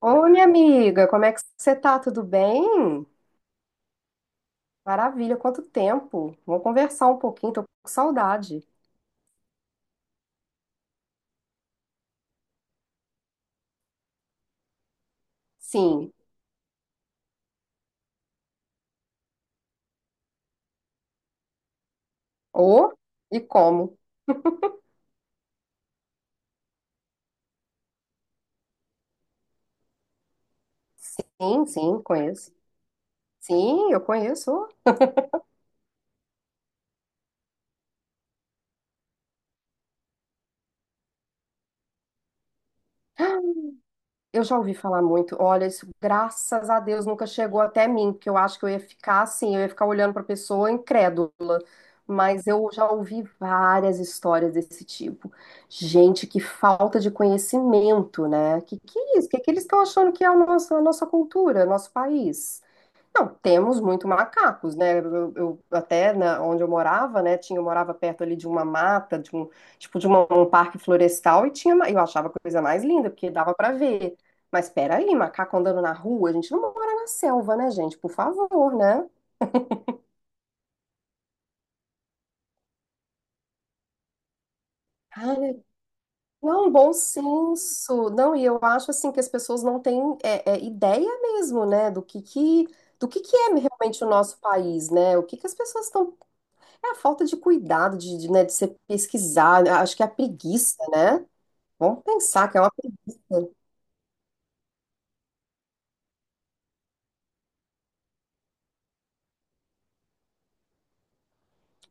Oi, minha amiga, como é que você tá? Tudo bem? Maravilha, quanto tempo. Vamos conversar um pouquinho, tô com saudade. Sim, ou e como? Sim, sim, conheço. Sim, eu conheço. Eu já ouvi falar muito. Olha, isso, graças a Deus, nunca chegou até mim, porque eu acho que eu ia ficar assim, eu ia ficar olhando para a pessoa incrédula. Mas eu já ouvi várias histórias desse tipo. Gente, que falta de conhecimento, né? Que é isso? O que que eles estão achando que é a nossa cultura, nosso país? Não, temos muito macacos, né? Até na, onde eu morava, né? Tinha, eu morava perto ali de uma mata, de um tipo de um parque florestal e tinha, eu achava a coisa mais linda porque dava pra ver. Mas espera aí, macaco andando na rua, a gente não mora na selva, né, gente? Por favor, né? Ai, não, bom senso. Não, e eu acho assim que as pessoas não têm ideia mesmo, né, do que é realmente o nosso país, né? O que que as pessoas estão. É a falta de cuidado, de, né, de você pesquisar, acho que é a preguiça, né? Vamos pensar que é uma.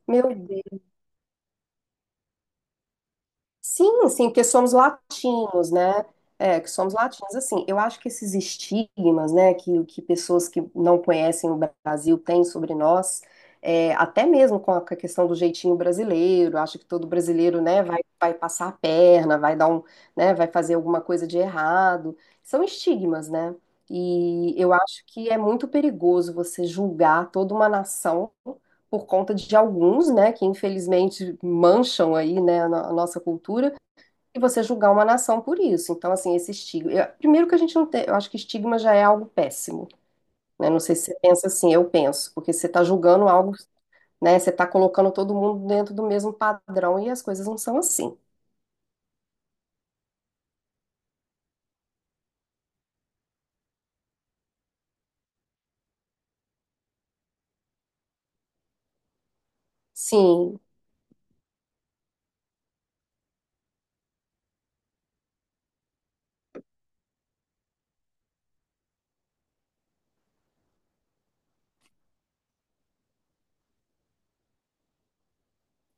Meu. Sim, sim, porque somos latinos, né? É, que somos latinos. Assim, eu acho que esses estigmas, né, que pessoas que não conhecem o Brasil têm sobre nós, é, até mesmo com a questão do jeitinho brasileiro, acha que todo brasileiro, né, vai passar a perna, vai dar um, né, vai fazer alguma coisa de errado. São estigmas, né? E eu acho que é muito perigoso você julgar toda uma nação por conta de alguns, né, que infelizmente mancham aí, né, a no- a nossa cultura, e você julgar uma nação por isso. Então, assim, esse estigma. Primeiro que a gente não tem, eu acho que estigma já é algo péssimo, né? Não sei se você pensa assim, eu penso, porque você está julgando algo, né, você está colocando todo mundo dentro do mesmo padrão e as coisas não são assim. Sim,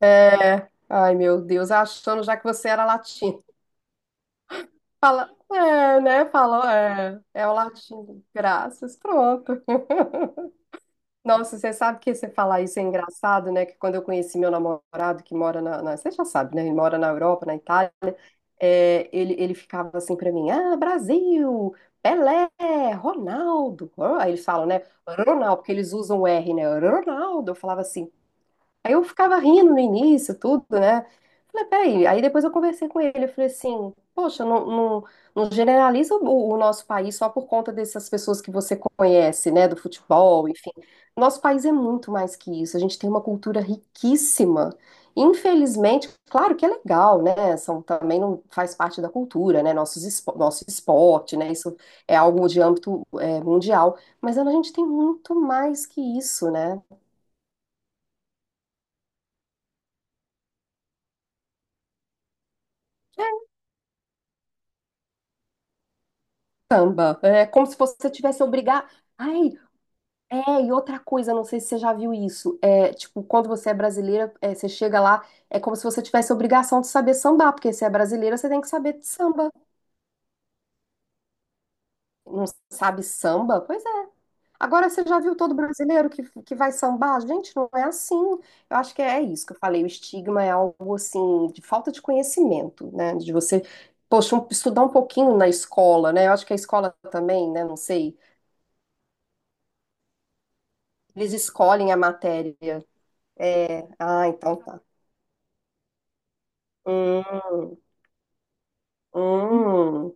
é. Ai, meu Deus, achando já que você era latino. Fala, é, né? Falou, é, é o latino. Graças, pronto. Nossa, você sabe que você falar isso é engraçado, né? Que quando eu conheci meu namorado que mora você já sabe, né? Ele mora na Europa, na Itália. É, ele ficava assim pra mim, ah, Brasil, Pelé, Ronaldo. Ro-" Aí eles falam, né? Ronaldo, porque eles usam o R, né? Ronaldo. Eu falava assim, aí eu ficava rindo no início, tudo, né? Falei, peraí. Aí depois eu conversei com ele. Eu falei assim: Poxa, não generaliza o nosso país só por conta dessas pessoas que você conhece, né? Do futebol, enfim. Nosso país é muito mais que isso. A gente tem uma cultura riquíssima. Infelizmente, claro que é legal, né? São, também não faz parte da cultura, né? Nossos, nosso esporte, né? Isso é algo de âmbito, é, mundial. Mas a gente tem muito mais que isso, né? Samba. É como se você tivesse obrigar. Ai, é, e outra coisa, não sei se você já viu isso. É, tipo, quando você é brasileira, é, você chega lá, é como se você tivesse obrigação de saber sambar, porque se é brasileira, você tem que saber de samba. Não sabe samba? Pois é. Agora você já viu todo brasileiro que vai sambar? Gente, não é assim. Eu acho que é isso que eu falei. O estigma é algo assim de falta de conhecimento, né? De você, poxa, estudar um pouquinho na escola, né? Eu acho que a escola também, né? Não sei. Eles escolhem a matéria. É. Ah, então tá. Hum, hum.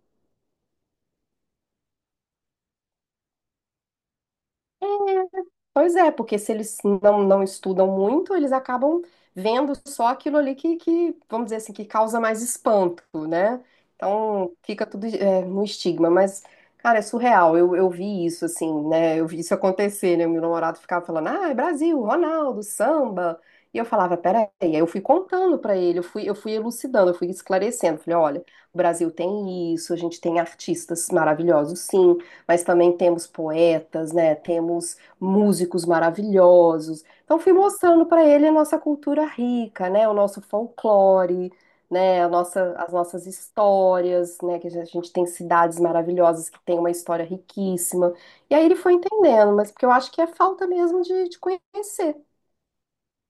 Pois é, porque se eles não estudam muito, eles acabam vendo só aquilo ali vamos dizer assim, que causa mais espanto, né? Então fica tudo é, no estigma, mas, cara, é surreal. Eu vi isso, assim, né? Eu vi isso acontecer, né? Meu namorado ficava falando, ah, é Brasil, Ronaldo, samba. E eu falava, peraí. Aí eu fui contando pra ele, eu fui elucidando, eu fui esclarecendo. Falei, olha, o Brasil tem isso, a gente tem artistas maravilhosos, sim, mas também temos poetas, né? Temos músicos maravilhosos. Então fui mostrando para ele a nossa cultura rica, né, o nosso folclore, né, as nossas histórias, né, que a gente tem cidades maravilhosas que tem uma história riquíssima. E aí ele foi entendendo, mas porque eu acho que é falta mesmo de conhecer,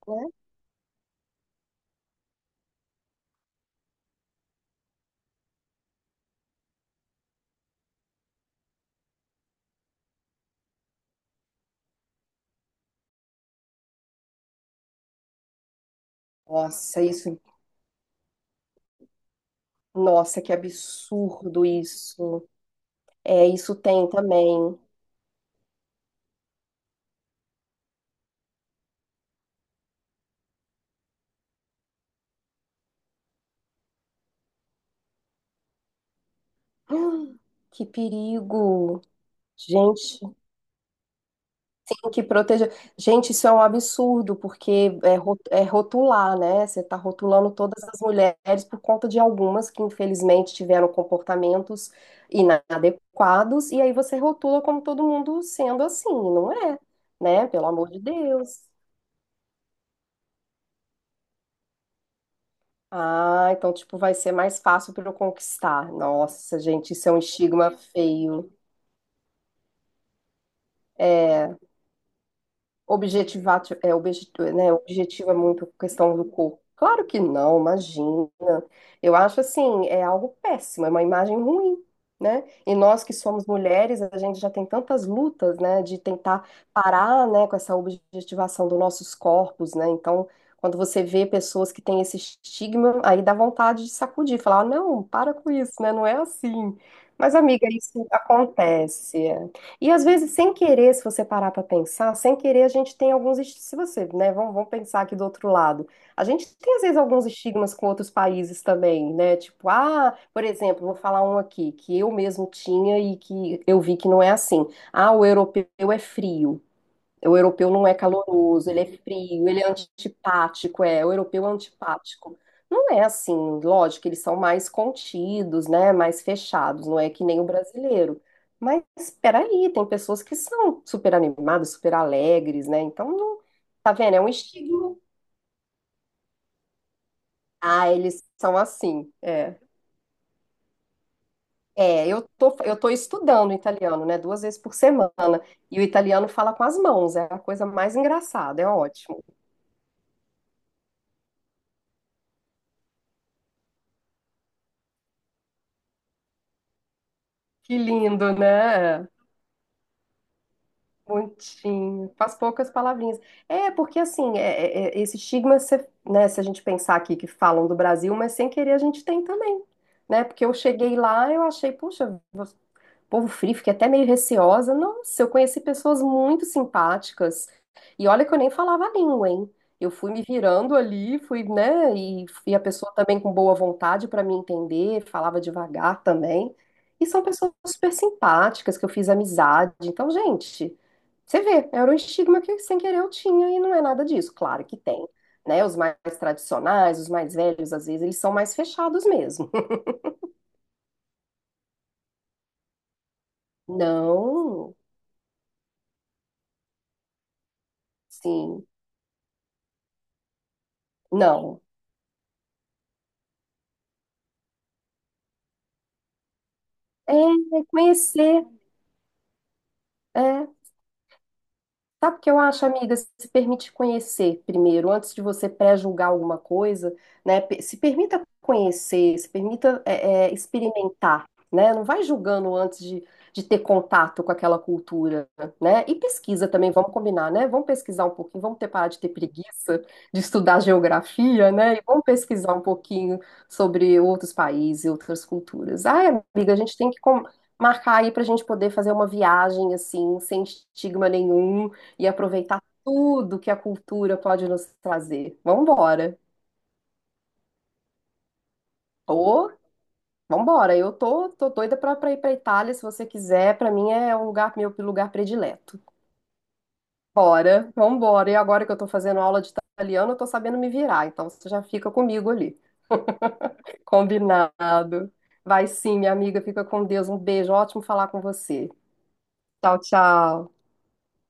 né? Nossa, isso, nossa, que absurdo isso. É, isso tem também. Que perigo. Gente, que proteger. Gente, isso é um absurdo, porque é, é rotular, né? Você está rotulando todas as mulheres por conta de algumas que, infelizmente, tiveram comportamentos inadequados, e aí você rotula como todo mundo sendo assim, não é, né? Pelo amor de Deus. Ah, então, tipo, vai ser mais fácil para eu conquistar. Nossa, gente, isso é um estigma feio. É. Objetivar, é, objetivo, né? Objetivo é muito questão do corpo. Claro que não, imagina. Eu acho assim, é algo péssimo, é uma imagem ruim, né? E nós que somos mulheres, a gente já tem tantas lutas, né, de tentar parar, né, com essa objetivação dos nossos corpos, né? Então, quando você vê pessoas que têm esse estigma, aí dá vontade de sacudir, falar, "Ah, não, para com isso, né? Não é assim. Mas, amiga, isso acontece. É. E às vezes, sem querer, se você parar para pensar, sem querer, a gente tem alguns. Se você, né, vamos pensar aqui do outro lado. A gente tem, às vezes, alguns estigmas com outros países também, né? Tipo, ah, por exemplo, vou falar um aqui, que eu mesmo tinha e que eu vi que não é assim. Ah, o europeu é frio. O europeu não é caloroso, ele é frio, ele é antipático, é, o europeu é antipático. Não é assim, lógico, eles são mais contidos, né, mais fechados, não é que nem o brasileiro. Mas espera aí, tem pessoas que são super animadas, super alegres, né? Então, tá vendo? É um estigma. Ah, eles são assim, é. É, eu tô estudando italiano, né, duas vezes por semana, e o italiano fala com as mãos, é a coisa mais engraçada, é ótimo. Que lindo, né? Muitinho, faz poucas palavrinhas. É, porque assim, esse estigma, se, né, se a gente pensar aqui que falam do Brasil, mas sem querer a gente tem também, né? Porque eu cheguei lá, eu achei, puxa, povo frio, fiquei até meio receosa. Nossa, eu conheci pessoas muito simpáticas. E olha que eu nem falava a língua, hein? Eu fui me virando ali, fui, né? E a pessoa também com boa vontade para me entender, falava devagar também. E são pessoas super simpáticas que eu fiz amizade. Então, gente, você vê, era um estigma que sem querer eu tinha e não é nada disso. Claro que tem, né? Os mais tradicionais, os mais velhos, às vezes, eles são mais fechados mesmo. Não, sim, não. É, é conhecer, é. Sabe o que eu acho, amiga? Se permite conhecer primeiro, antes de você pré-julgar alguma coisa, né? Se permita conhecer, se permita experimentar, né? Não vai julgando antes de ter contato com aquela cultura, né? E pesquisa também, vamos combinar, né? Vamos pesquisar um pouquinho, vamos ter parar de ter preguiça de estudar geografia, né? E vamos pesquisar um pouquinho sobre outros países, e outras culturas. Ai, amiga, a gente tem que marcar aí para a gente poder fazer uma viagem assim, sem estigma nenhum e aproveitar tudo que a cultura pode nos trazer. Vambora. Ô, vambora. Eu tô doida pra ir pra Itália, se você quiser. Pra mim é um lugar, meu lugar predileto. Bora, vambora. E agora que eu tô fazendo aula de italiano, eu tô sabendo me virar. Então você já fica comigo ali. Combinado. Vai sim, minha amiga. Fica com Deus. Um beijo. Ótimo falar com você. Tchau, tchau.